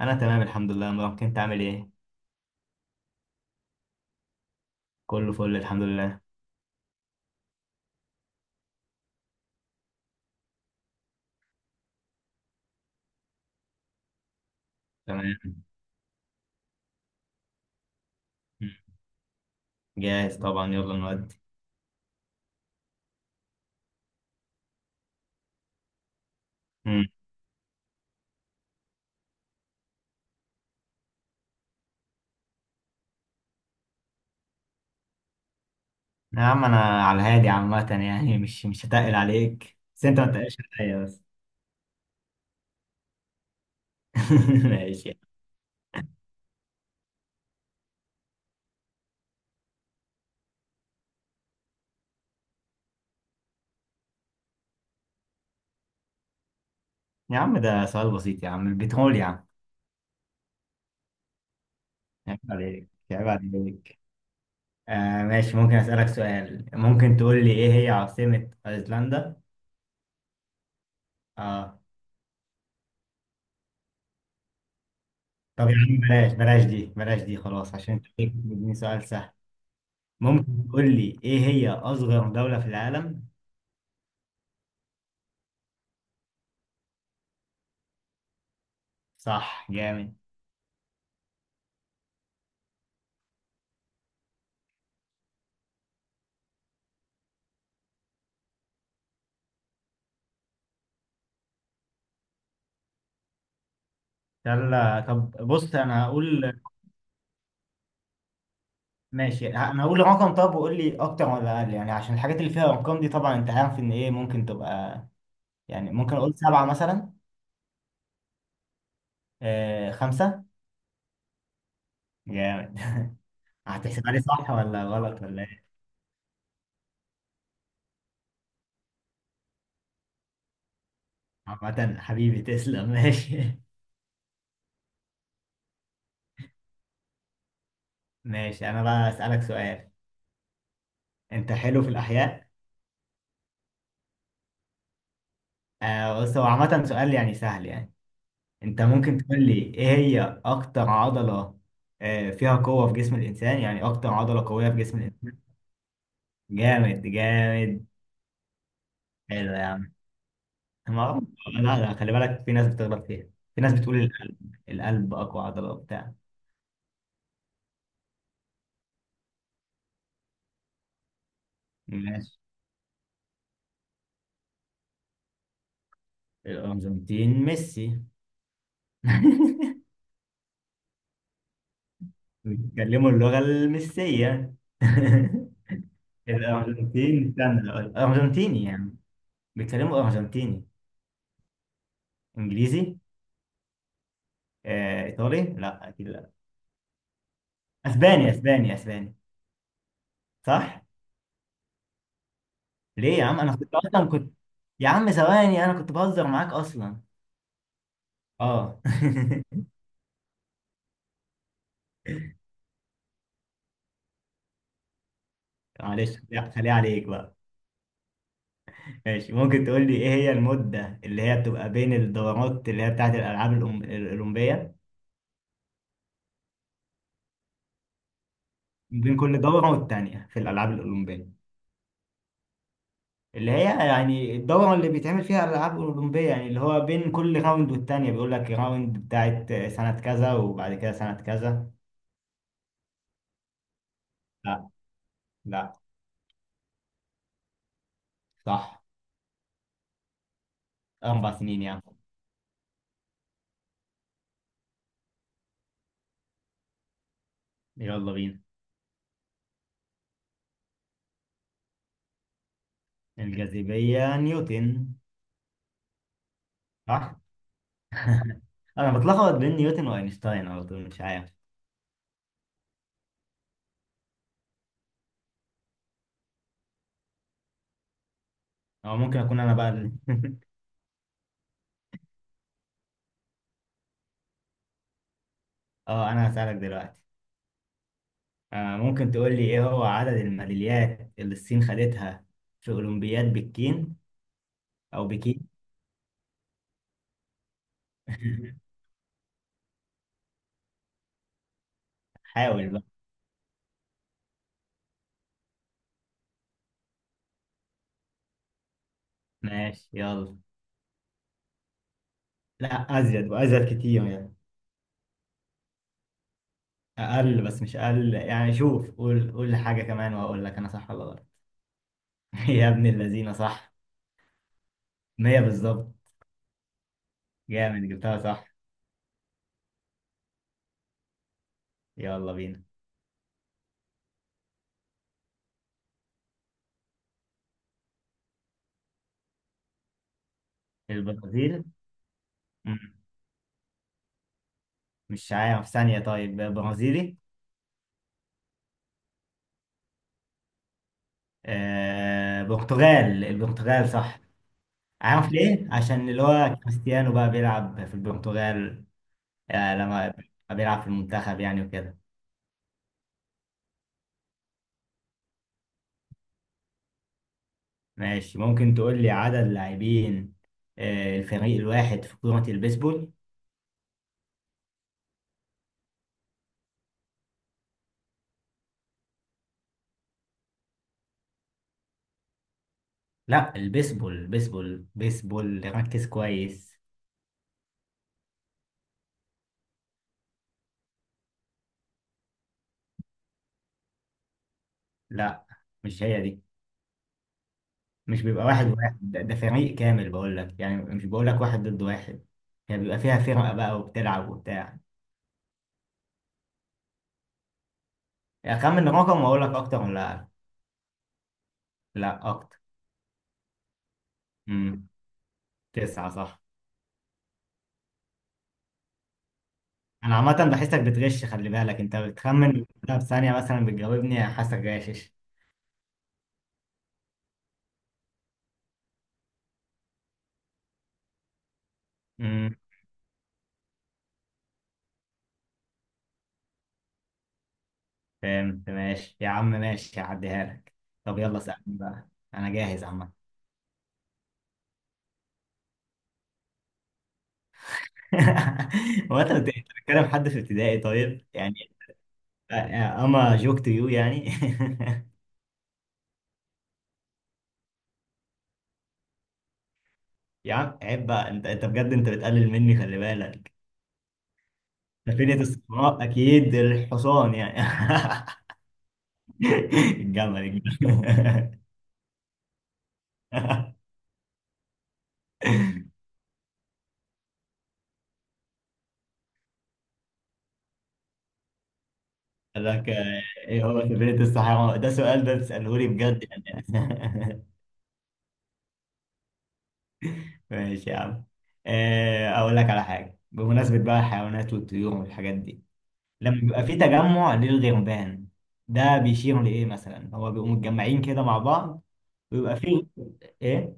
انا تمام الحمد لله يا مروان، انت عامل ايه؟ كله فل الحمد لله. تمام. مم. جاهز طبعا، يلا نودي. مم. يا عم انا على الهادي عامه، يعني مش هتقل عليك بس انت ما تقلش عليا بس. ماشي. يا عم ده سؤال بسيط يا عم، البترول يا عم. عيب عليك، عيب عليك. آه ماشي، ممكن اسالك سؤال؟ ممكن تقول لي ايه هي عاصمه ايسلندا؟ اه. طب يا عم بلاش بلاش دي، بلاش دي خلاص عشان انت بتديني سؤال سهل. ممكن تقول لي ايه هي اصغر دولة في العالم؟ صح، جامد. يلا طب بص انا هقول. ماشي، انا هقول رقم، طب وقول لي اكتر ولا اقل يعني، عشان الحاجات اللي فيها ارقام دي طبعا انت عارف ان ايه ممكن تبقى. يعني ممكن اقول سبعة مثلا. آه، خمسة. جامد. هتحسبها لي صح ولا غلط ولا ايه؟ عامة حبيبي تسلم، ماشي. ماشي، انا بقى اسألك سؤال. انت حلو في الاحياء؟ آه بص هو عامة سؤال يعني سهل يعني. انت ممكن تقول لي ايه هي اكتر عضلة، آه، فيها قوة في جسم الانسان؟ يعني اكتر عضلة قوية في جسم الانسان. جامد جامد. حلو يا عم. ما- لا لا، خلي بالك في ناس بتغلط فيها. في ناس بتقول القلب. القلب اقوى عضلة وبتاع. ماشي. الارجنتين ميسي. بيتكلموا اللغة الميسية. الارجنتين، استنى، الارجنتيني يعني. بيتكلموا ارجنتيني. انجليزي. آه، ايطالي. لا اكيد لا. اسباني اسباني اسباني. صح. ليه يا عم، انا كنت اصلا كنت. يا عم ثواني، انا كنت بهزر معاك اصلا. اه. معلش خليها خليها عليك بقى. ماشي، ممكن تقول لي ايه هي المدة اللي هي بتبقى بين الدورات اللي هي بتاعت الالعاب الاولمبية؟ بين كل دورة والتانية في الالعاب الاولمبية. اللي هي يعني الدورة اللي بيتعمل فيها الالعاب الاولمبية، يعني اللي هو بين كل راوند والتانية، بيقول لك راوند بتاعت سنة كذا وبعد كده سنة كذا. لا. لا. صح، 4 سنين يعني. يلا بينا. الجاذبية نيوتن. صح؟ أنا بتلخبط بين نيوتن وأينشتاين على طول، مش عارف. أو ممكن أكون أنا بقى أه أنا هسألك دلوقتي. آه ممكن تقول لي إيه هو عدد الميداليات اللي الصين خدتها في أولمبياد بكين؟ أو بكين؟ حاول بقى. ماشي يلا. لا أزيد، وأزيد كتير يعني. أقل، بس مش أقل يعني، شوف قول قول لي حاجة كمان وأقول لك أنا صح ولا غلط. يا ابن الذين صح. 100 بالظبط. جامد، جبتها صح. يلا بينا. البرازيل. مش عارف، ثانية، طيب برازيلي؟ آه برتغال، البرتغال صح. عارف ليه؟ عشان اللي هو كريستيانو بقى بيلعب في البرتغال. آه لما بيلعب في المنتخب يعني وكده. ماشي، ممكن تقول لي عدد لاعبين، آه، الفريق الواحد في كرة البيسبول؟ لا البيسبول، البيسبول بيسبول، ركز كويس. لا مش هي دي. مش بيبقى واحد واحد، ده ده فريق كامل بقول لك يعني، مش بقول لك واحد ضد واحد هي. يعني بيبقى فيها فرقة بقى وبتلعب وبتاع. أخمن رقم وأقول لك أكتر ولا أقل. لا أكتر. امم. تسعة صح. أنا عامة بحسك بتغش، خلي بالك أنت بتخمن، لا بثانية مثلا بتجاوبني، حاسك غاشش. امم. فهمت، ماشي يا عم ماشي، هعديها لك. طب يلا سألني بقى. أنا جاهز عامة. هو أنت أنت بتتكلم حد في ابتدائي طيب يعني؟ أما جوك تو يو يعني. يا عم عيب بقى، أنت أنت بجد أنت بتقلل مني، خلي بالك. سفينة الصحراء أكيد الحصان يعني. الجمل، الجمل. قال لك آه، ايه هو سفينة الصحراء، ده سؤال ده تسأله لي بجد يعني؟ ماشي يا عم. آه، اقول لك على حاجة بمناسبة بقى الحيوانات والطيور والحاجات دي. لما بيبقى في تجمع للغربان، ده بيشير لإيه مثلا؟ هو بيبقوا متجمعين كده مع بعض ويبقى في ايه،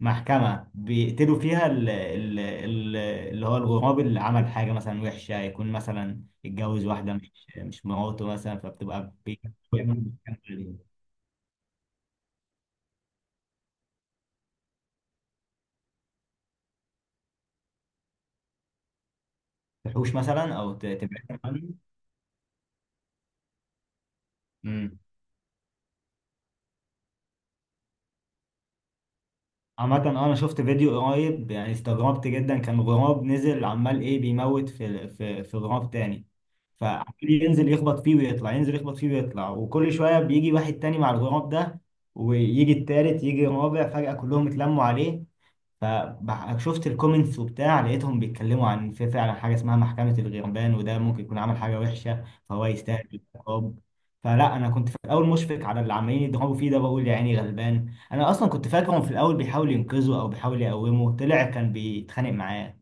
محكمة بيقتلوا فيها اللي هو الغراب اللي عمل حاجة مثلا وحشة، يكون مثلا اتجوز واحدة مش، مش مراته مثلا، بيعملوا محكمة دي. تحوش مثلا أو تبعدهم عنه. أمم. عامة أه، أنا شفت فيديو قريب يعني، استغربت جدا، كان غراب نزل عمال إيه بيموت في في غراب تاني، فعمال ينزل يخبط فيه ويطلع، ينزل يخبط فيه ويطلع، وكل شوية بيجي واحد تاني مع الغراب ده، ويجي التالت يجي الرابع، فجأة كلهم اتلموا عليه. فشفت الكومنتس وبتاع، لقيتهم بيتكلموا عن في فعلا حاجه اسمها محكمه الغربان، وده ممكن يكون عمل حاجه وحشه فهو يستاهل العقاب. فلا انا كنت في الاول مشفق على اللي عمالين يضربوا فيه ده، بقول يا عيني غلبان، انا اصلا كنت فاكرهم في الاول بيحاول ينقذه او بيحاول يقومه، طلع كان بيتخانق معاه.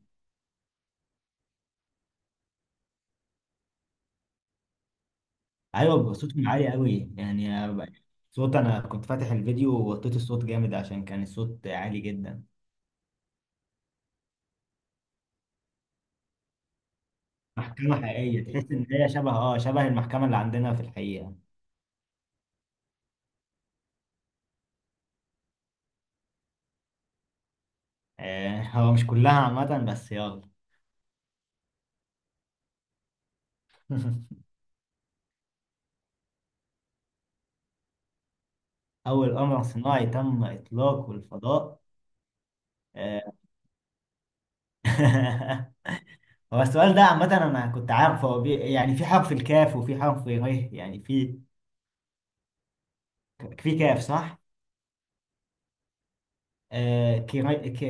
ايوه بيبقى صوتهم عالي قوي يعني. صوت انا كنت فاتح الفيديو ووطيت الصوت جامد عشان كان الصوت عالي جدا. محكمه حقيقيه، تحس ان هي شبه اه شبه المحكمه اللي عندنا في الحقيقه. آه، هو مش كلها عامة، بس يلا. أول قمر صناعي تم إطلاقه الفضاء. آه، هو السؤال ده عامة أنا كنت عارفه، هو يعني في حرف الكاف وفي حرف ر. يعني في، في كاف صح؟ آه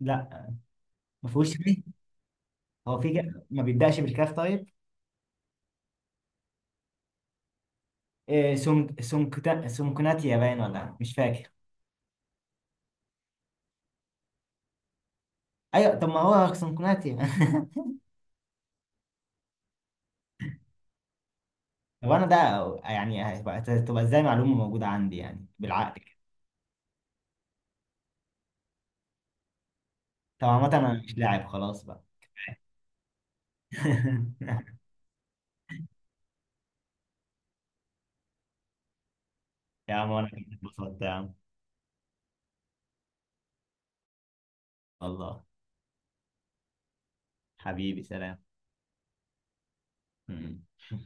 لا ما فيهوش ر. هو في ما بيبدأش بالكاف طيب. آه سونكوناتيا، باين ولا مش فاكر. أيوة، طب ما هو سونكوناتيا. طب أنا ده، يعني هتبقى تبقى إزاي معلومة موجودة عندي يعني بالعقل. طب عامة أنا مش لاعب خلاص بقى. يا عم أنا كنت اتبسطت يا عم. الله. حبيبي سلام.